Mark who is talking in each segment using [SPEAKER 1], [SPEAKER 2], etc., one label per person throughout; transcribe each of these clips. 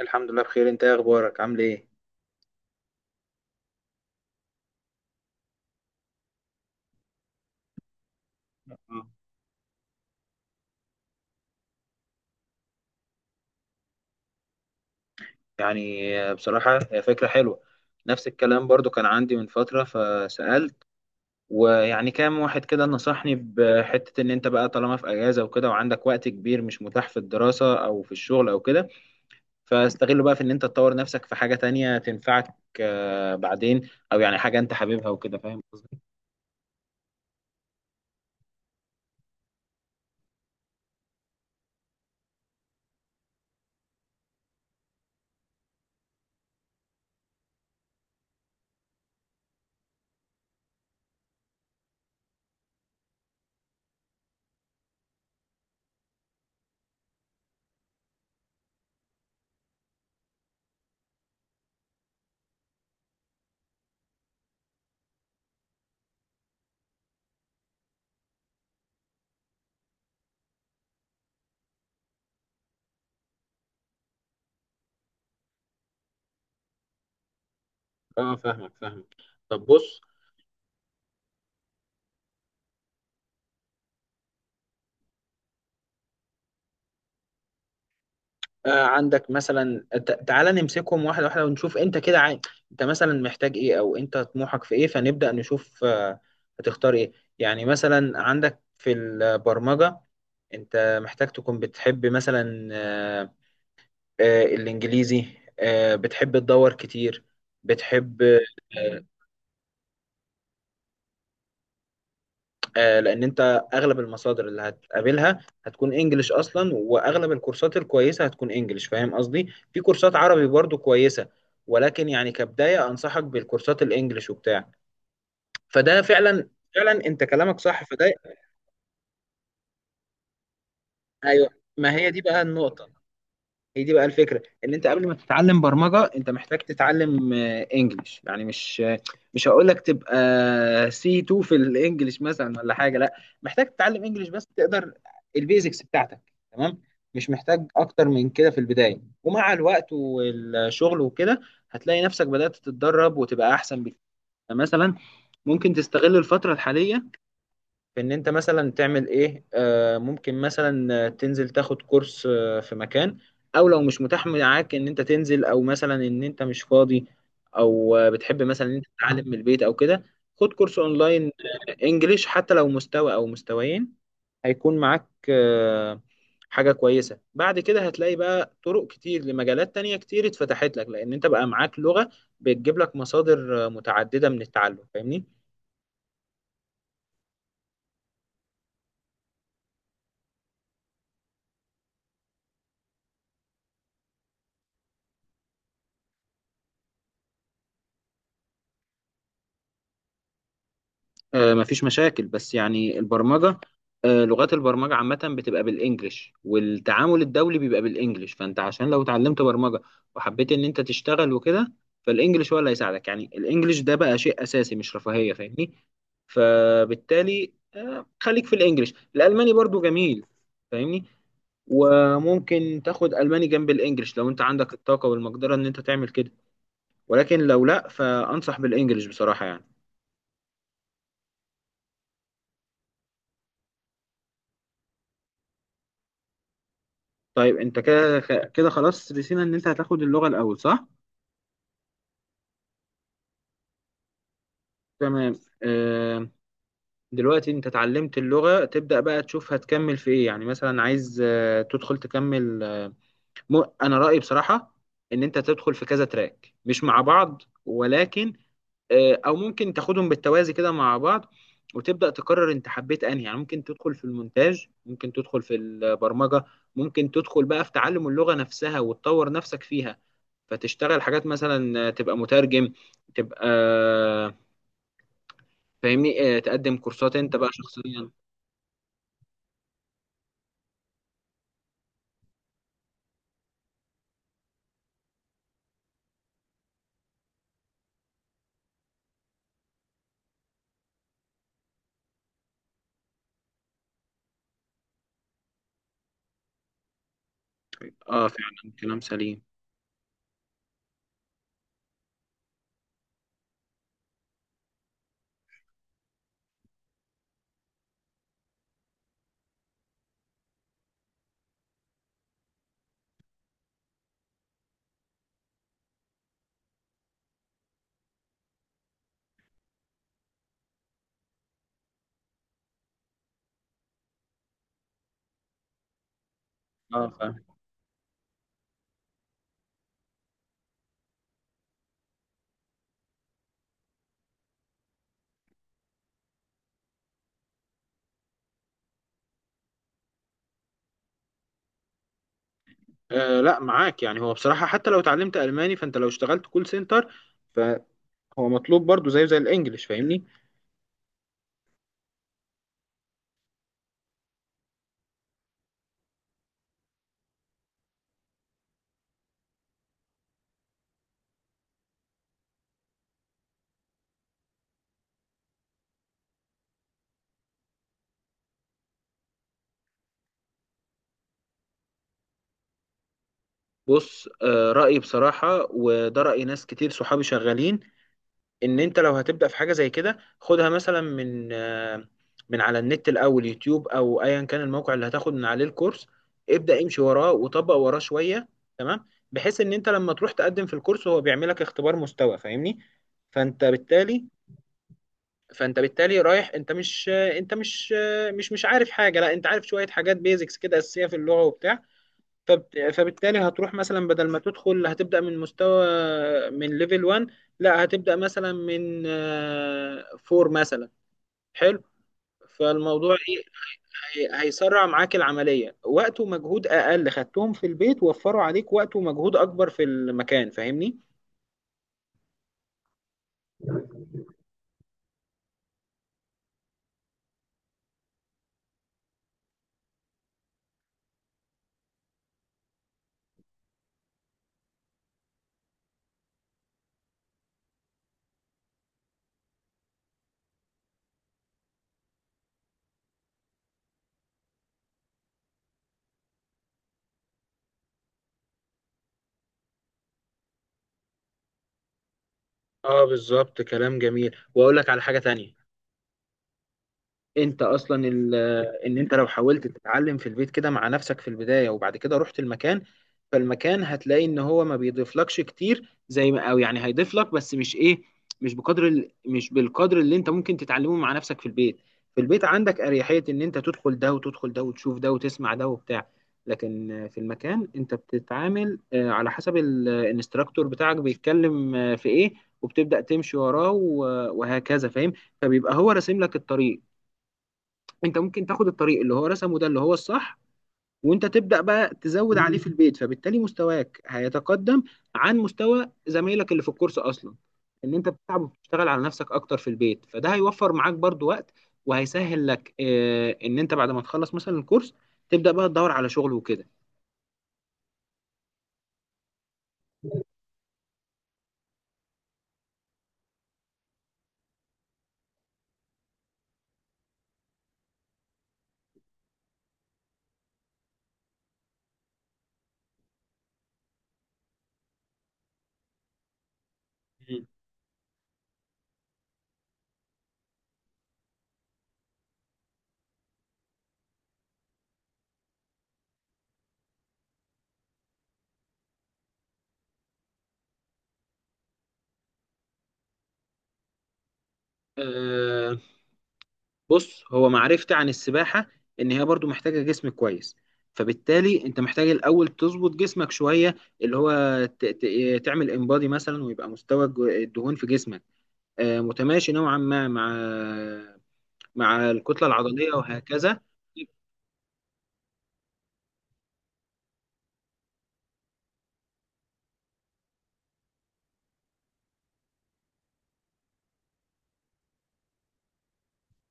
[SPEAKER 1] الحمد لله بخير، انت ايه اخبارك؟ عامل ايه؟ آه. بصراحة هي فكرة حلوة. نفس الكلام برضو كان عندي من فترة فسألت. ويعني كام واحد كده نصحني بحتة ان انت بقى طالما في اجازة وكده وعندك وقت كبير مش متاح في الدراسة او في الشغل او كده، فاستغله بقى في ان انت تطور نفسك في حاجة تانية تنفعك، بعدين او يعني حاجة انت حاببها وكده. فاهم قصدي؟ اه، فاهمك. طب بص، عندك مثلا تعالى نمسكهم واحدة واحدة ونشوف انت كده انت مثلا محتاج ايه، او انت طموحك في ايه، فنبدأ نشوف هتختار ايه. يعني مثلا عندك في البرمجة، انت محتاج تكون بتحب مثلا الانجليزي، بتحب تدور كتير، بتحب لان انت اغلب المصادر اللي هتقابلها هتكون انجليش اصلا، واغلب الكورسات الكويسه هتكون انجليش. فاهم قصدي؟ في كورسات عربي برضو كويسه، ولكن يعني كبدايه انصحك بالكورسات الانجليش وبتاع. فده فعلا، فعلا انت كلامك صح. فده ايوه، ما هي دي بقى النقطه، هي دي بقى الفكره. ان انت قبل ما تتعلم برمجه انت محتاج تتعلم انجليش. يعني مش هقول لك تبقى سي 2 في الانجليش مثلا ولا حاجه، لا، محتاج تتعلم انجليش بس تقدر البيزكس بتاعتك. تمام؟ مش محتاج اكتر من كده في البدايه، ومع الوقت والشغل وكده هتلاقي نفسك بدات تتدرب وتبقى احسن بكتير. يعني مثلا ممكن تستغل الفتره الحاليه في ان انت مثلا تعمل ايه. ممكن مثلا تنزل تاخد كورس في مكان، او لو مش متاح معاك ان انت تنزل، او مثلا ان انت مش فاضي، او بتحب مثلا ان انت تتعلم من البيت او كده، خد كورس اونلاين انجليش. حتى لو مستوى او مستويين هيكون معاك حاجة كويسة. بعد كده هتلاقي بقى طرق كتير لمجالات تانية كتير اتفتحت لك، لان انت بقى معاك لغة بتجيب لك مصادر متعددة من التعلم. فاهمني؟ مفيش مشاكل، بس يعني البرمجة، لغات البرمجة عامة بتبقى بالإنجلش، والتعامل الدولي بيبقى بالإنجلش، فأنت عشان لو اتعلمت برمجة وحبيت إن أنت تشتغل وكده، فالإنجلش هو اللي هيساعدك. يعني الإنجلش ده بقى شيء أساسي مش رفاهية. فاهمني؟ فبالتالي خليك في الإنجلش. الألماني برضو جميل، فاهمني؟ وممكن تاخد ألماني جنب الإنجلش لو أنت عندك الطاقة والمقدرة إن أنت تعمل كده، ولكن لو لأ فأنصح بالإنجلش بصراحة يعني. طيب انت كده خلاص رسينا ان انت هتاخد اللغة الاول، صح؟ تمام. آه، دلوقتي انت اتعلمت اللغة، تبدأ بقى تشوف هتكمل في ايه. يعني مثلا عايز آه تدخل تكمل انا رأيي بصراحة ان انت تدخل في كذا تراك، مش مع بعض، ولكن او ممكن تاخدهم بالتوازي كده مع بعض، وتبدأ تقرر انت حبيت انهي. يعني ممكن تدخل في المونتاج، ممكن تدخل في البرمجة، ممكن تدخل بقى في تعلم اللغة نفسها وتطور نفسك فيها، فتشتغل حاجات مثلا تبقى مترجم، تبقى، فاهمني؟ تقدم كورسات انت بقى شخصيا. اه فعلا كلام سليم. اه فاهم. آه لا معاك. يعني هو بصراحة حتى لو اتعلمت ألماني، فانت لو اشتغلت كول سنتر فهو مطلوب برضو زيه زي الانجليش. فاهمني؟ بص، آه رأيي بصراحة، وده رأي ناس كتير صحابي شغالين، ان انت لو هتبدا في حاجه زي كده، خدها مثلا من من على النت الاول، يوتيوب او ايا كان الموقع اللي هتاخد من عليه الكورس. ابدا امشي وراه وطبق وراه شويه. تمام؟ بحيث ان انت لما تروح تقدم في الكورس هو بيعملك اختبار مستوى. فاهمني؟ فانت بالتالي فانت بالتالي رايح، انت مش مش عارف حاجه، لا، انت عارف شويه حاجات بيزكس كده اساسيه في اللغه وبتاع. فبالتالي هتروح مثلا، بدل ما تدخل هتبدأ من مستوى، من ليفل 1، لا هتبدأ مثلا من 4 مثلا. حلو. فالموضوع ايه، هيسرع معاك العملية، وقت ومجهود اقل خدتهم في البيت وفروا عليك وقت ومجهود اكبر في المكان. فاهمني؟ اه بالظبط كلام جميل، واقول لك على حاجة تانية. انت اصلا ان انت لو حاولت تتعلم في البيت كده مع نفسك في البدايه، وبعد كده رحت المكان، فالمكان هتلاقي ان هو ما بيضيفلكش كتير زي ما، او يعني هيضيف لك بس مش ايه، مش مش بالقدر اللي انت ممكن تتعلمه مع نفسك في البيت. في البيت عندك اريحيه ان انت تدخل ده وتدخل ده وتشوف ده وتسمع ده وبتاع. لكن في المكان انت بتتعامل على حسب الانستراكتور بتاعك بيتكلم في ايه، وبتبدأ تمشي وراه وهكذا. فاهم؟ فبيبقى هو راسم لك الطريق. انت ممكن تاخد الطريق اللي هو رسمه ده اللي هو الصح، وانت تبدأ بقى تزود عليه في البيت، فبالتالي مستواك هيتقدم عن مستوى زمايلك اللي في الكورس اصلا. ان انت بتتعب وبتشتغل على نفسك اكتر في البيت، فده هيوفر معاك برضو وقت، وهيسهل لك اه ان انت بعد ما تخلص مثلا الكورس تبدأ بقى تدور على شغل وكده. مم. آه، بص، هو معرفتي عن السباحة إن هي برضو محتاجة جسم كويس، فبالتالي أنت محتاج الأول تظبط جسمك شوية، اللي هو تعمل انبادي مثلا، ويبقى مستوى الدهون في جسمك متماشي نوعا ما مع مع الكتلة العضلية وهكذا.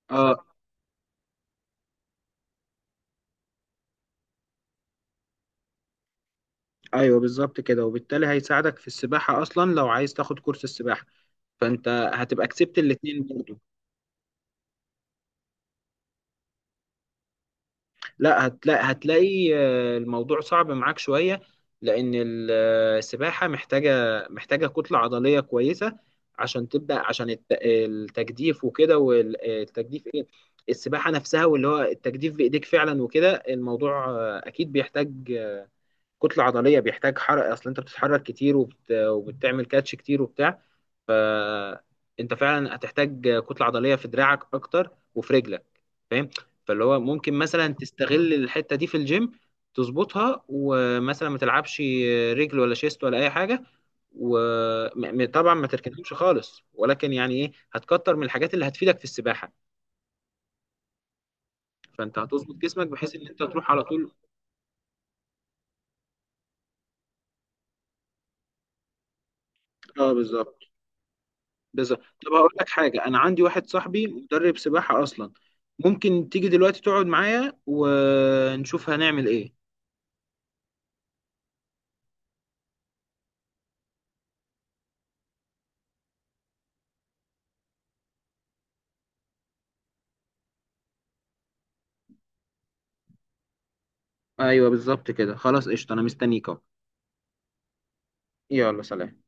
[SPEAKER 1] اه ايوه بالظبط كده، وبالتالي هيساعدك في السباحة أصلا. لو عايز تاخد كورس السباحة، فأنت هتبقى كسبت الاتنين برضو. لا، هتلاقي الموضوع صعب معاك شوية، لأن السباحة محتاجة كتلة عضلية كويسة عشان تبدأ، عشان التجديف وكده. والتجديف إيه؟ السباحة نفسها، واللي هو التجديف بإيديك فعلا وكده. الموضوع أكيد بيحتاج كتلة عضلية، بيحتاج حرق، أصل أنت بتتحرك كتير وبتعمل كاتش كتير وبتاع. فانت فعلا هتحتاج كتله عضليه في دراعك اكتر وفي رجلك. فاهم؟ فاللي هو ممكن مثلا تستغل الحته دي في الجيم تظبطها، ومثلا ما تلعبش رجل ولا شيست ولا اي حاجه، وطبعا ما تركنهمش خالص، ولكن يعني ايه هتكتر من الحاجات اللي هتفيدك في السباحه، فانت هتظبط جسمك بحيث ان انت تروح على طول. اه بالظبط، بالظبط. طب هقول لك حاجه، انا عندي واحد صاحبي مدرب سباحه اصلا. ممكن تيجي دلوقتي تقعد معايا ونشوف هنعمل ايه. ايوه بالظبط كده، خلاص قشطه انا مستنيك اهو. يلا، سلام.